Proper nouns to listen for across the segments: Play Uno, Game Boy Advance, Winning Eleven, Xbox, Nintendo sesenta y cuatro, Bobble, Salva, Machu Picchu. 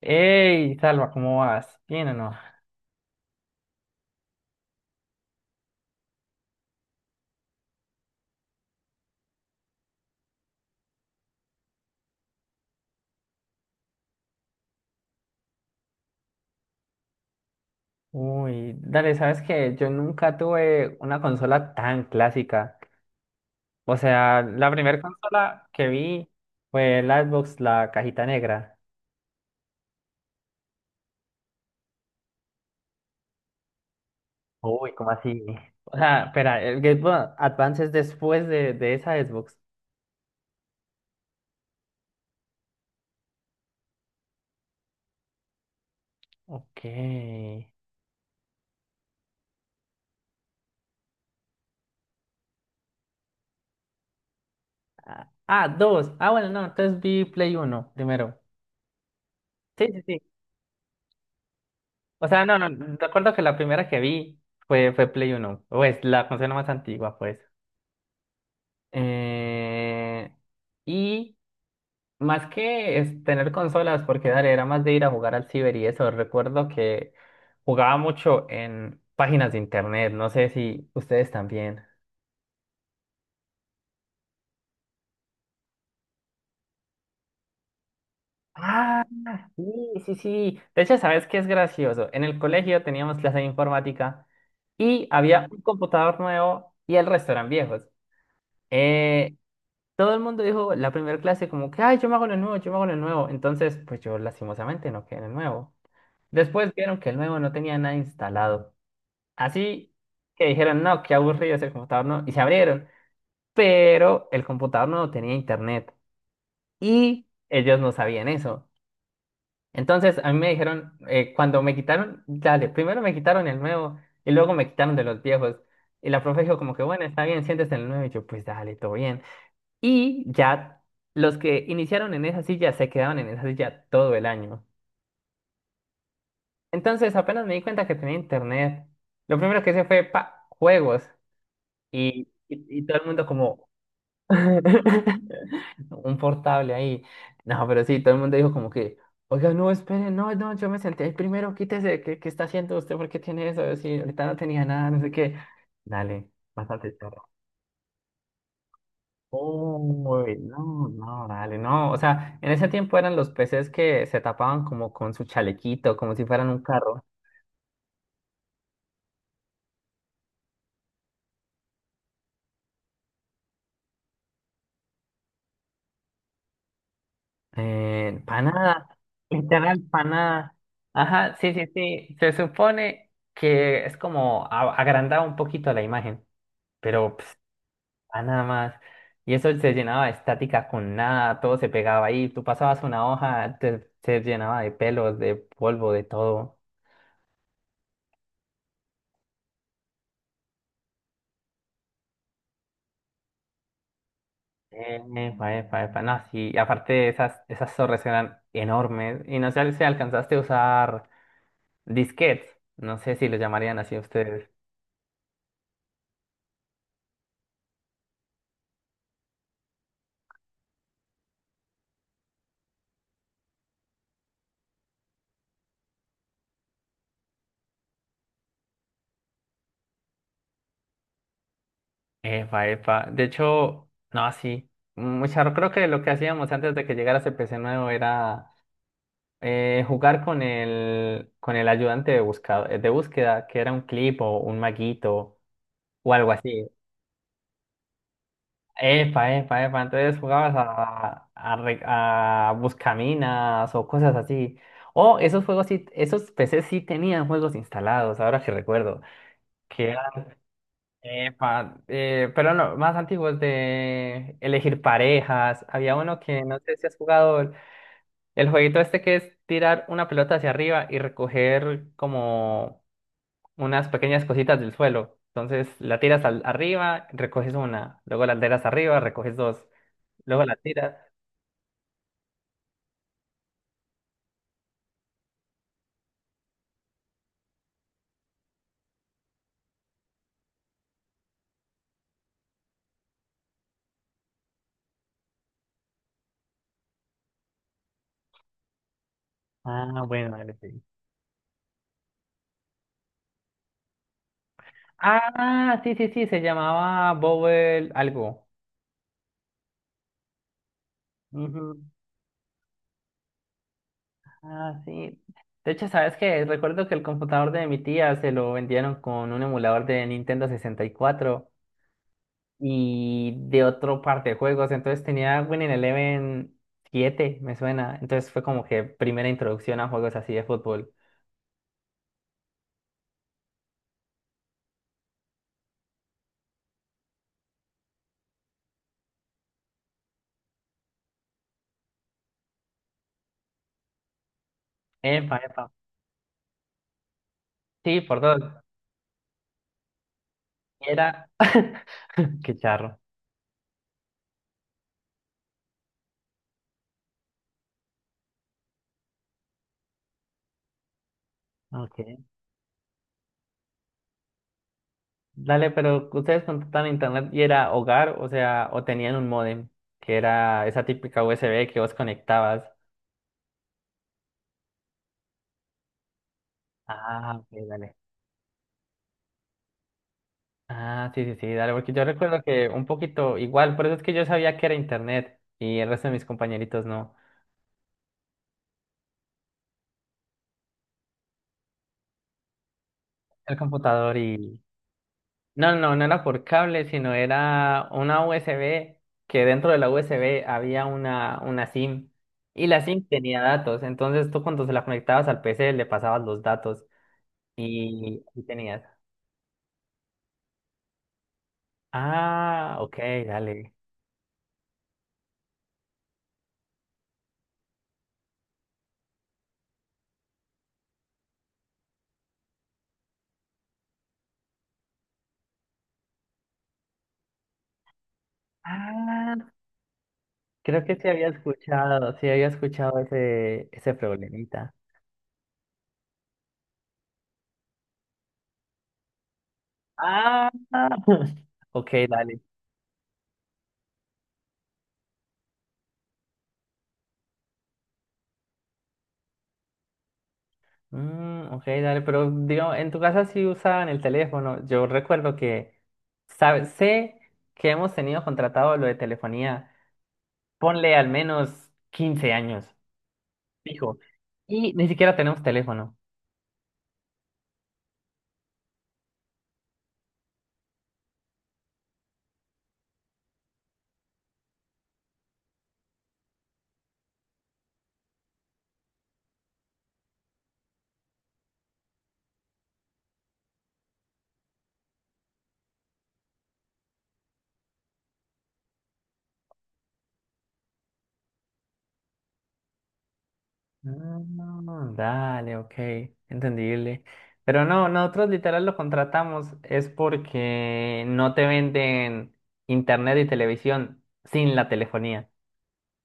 Hey, Salva, ¿cómo vas? ¿Bien o no? Uy, dale, ¿sabes qué? Yo nunca tuve una consola tan clásica. O sea, la primera consola que vi fue la Xbox, la cajita negra. Uy, ¿cómo así? O sea, espera, el Game Boy Advance es después de esa Xbox. Ok. Ah, ah, dos. Ah, bueno, no, entonces vi Play Uno primero. Sí, sí, sí. O sea, no, no, recuerdo que la primera que vi fue Play Uno. Pues la consola más antigua, pues. Eh, y más que es tener consolas, porque dale, era más de ir a jugar al ciber y eso. Recuerdo que jugaba mucho en páginas de internet, no sé si ustedes también. Ah, sí, sí, sí. De hecho, ¿sabes qué es gracioso? En el colegio teníamos clase de informática y había un computador nuevo y el resto eran viejos. Eh, todo el mundo dijo la primera clase como que, ay, yo me hago lo nuevo, yo me hago lo nuevo. Entonces, pues yo lastimosamente no quedé en el nuevo. Después vieron que el nuevo no tenía nada instalado. Así que dijeron, no, qué aburrido ese computador, no. Y se abrieron. Pero el computador no tenía internet. Y ellos no sabían eso. Entonces a mí me dijeron, cuando me quitaron, dale, primero me quitaron el nuevo y luego me quitaron de los viejos. Y la profe dijo como que, bueno, está bien, siéntese en el nuevo. Y yo, pues dale, todo bien. Y ya los que iniciaron en esa silla se quedaban en esa silla todo el año. Entonces, apenas me di cuenta que tenía internet, lo primero que hice fue juegos. Y todo el mundo como un portable ahí. No, pero sí, todo el mundo dijo como que, oiga, no, espere, no, no, yo me senté ahí primero, quítese, ¿qué está haciendo usted? ¿Por qué tiene eso? Yo, sí, ahorita no tenía nada, no sé qué. Dale, bastante perro. Uy, no, no, dale, no. O sea, en ese tiempo eran los PCs que se tapaban como con su chalequito, como si fueran un carro. Para nada, literal, para nada. Ajá, sí, sí, sí. Se supone que es como agrandar un poquito la imagen, pero para nada más. Y eso se llenaba de estática con nada, todo se pegaba ahí. Tú pasabas una hoja, se llenaba de pelos, de polvo, de todo. Epa, epa, epa. No, sí, y aparte esas torres eran enormes. Y no sé si alcanzaste a usar disquetes. No sé si lo llamarían así ustedes. Epa, epa. De hecho, no, sí. Mucha, creo que lo que hacíamos antes de que llegara ese PC nuevo era jugar con el ayudante de búsqueda, que era un clip o un maguito o algo así. Epa, epa, epa. Entonces jugabas a buscaminas o cosas así. O esos juegos sí, esos PCs sí tenían juegos instalados, ahora que recuerdo. Epa, pero no, más antiguos de elegir parejas. Había uno que no sé si has jugado el jueguito este que es tirar una pelota hacia arriba y recoger como unas pequeñas cositas del suelo. Entonces la tiras arriba, recoges una, luego la tiras arriba, recoges dos, luego la tiras. Ah, bueno, dale, sí. Ah, sí, sí, sí, se llamaba Bobble algo. Ujú. Ah, sí. De hecho, ¿sabes qué? Recuerdo que el computador de mi tía se lo vendieron con un emulador de Nintendo 64 y de otro par de juegos. Entonces tenía Winning Eleven 7 me suena. Entonces fue como que primera introducción a juegos así de fútbol. Epa, epa. Sí, por dos. Y Era. Qué charro. Ok. Dale, pero ustedes contrataban internet y era hogar, o sea, o tenían un módem, que era esa típica USB que vos conectabas. Ah, ok, dale. Ah, sí, sí, sí, dale, porque yo recuerdo que un poquito igual, por eso es que yo sabía que era internet y el resto de mis compañeritos no. El computador y... No, no, no era por cable, sino era una USB, que dentro de la USB había una SIM y la SIM tenía datos, entonces tú cuando se la conectabas al PC le pasabas los datos y tenías... Ah, ok, dale. Ah, creo que sí había escuchado ese problemita. Ah, ok, dale. Mm, ok, dale, pero digo, en tu casa sí usaban el teléfono. Yo recuerdo que sé que hemos tenido contratado lo de telefonía, ponle al menos 15 años, fijo, y ni siquiera tenemos teléfono. Mm, dale, ok, entendible. Pero no, nosotros literal lo contratamos es porque no te venden internet y televisión sin la telefonía.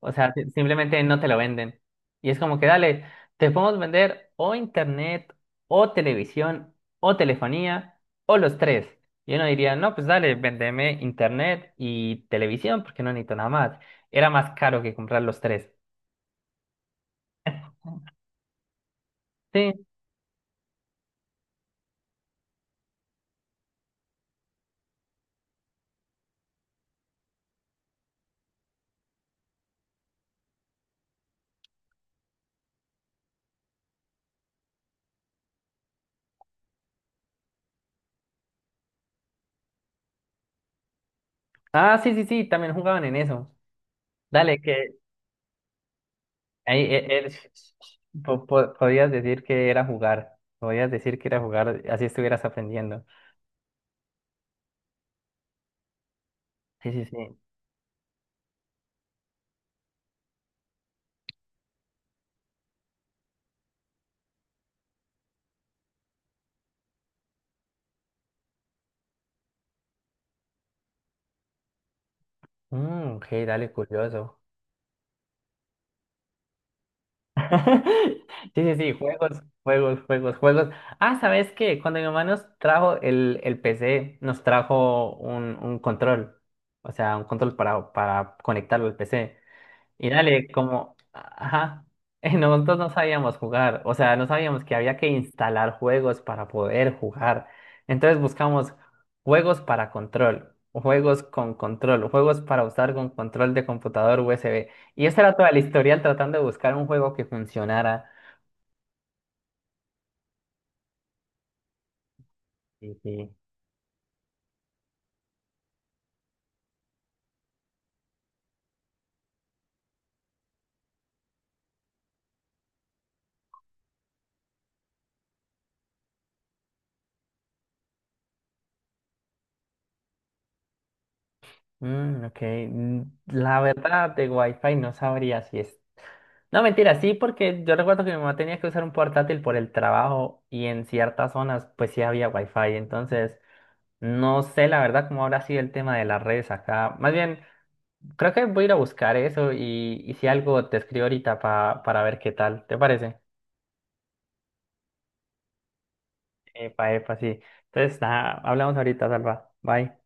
O sea, simplemente no te lo venden. Y es como que dale, te podemos vender o internet, o televisión, o telefonía, o los tres. Y uno diría, no, pues dale, vendeme internet y televisión porque no necesito nada más. Era más caro que comprar los tres. Sí. Ah, sí, sí, sí, también jugaban en eso. Dale, que ahí podías decir que era jugar. Podías decir que era jugar, así estuvieras aprendiendo. Sí, sí, sí. Mm, ok, dale, curioso. Sí, sí, sí, juegos, juegos, juegos, juegos. Ah, ¿sabes qué? Cuando mi mamá nos trajo el PC, nos trajo un control, o sea, un control para conectarlo al PC. Y dale, como, ajá, nosotros no sabíamos jugar, o sea, no sabíamos que había que instalar juegos para poder jugar. Entonces buscamos juegos para control, juegos con control, juegos para usar con control de computador USB. Y esa era toda la historial tratando de buscar un juego que funcionara. Sí, sí, mm, ok. Mm, la verdad de Wi-Fi no sabría si es... No, mentira, sí, porque yo recuerdo que mi mamá tenía que usar un portátil por el trabajo y en ciertas zonas pues sí había wifi, entonces no sé la verdad cómo habrá sido el tema de las redes acá. Más bien, creo que voy a ir a buscar eso y si algo te escribo ahorita para ver qué tal, ¿te parece? Epa, epa, sí. Entonces, nada, hablamos ahorita, Salva. Bye.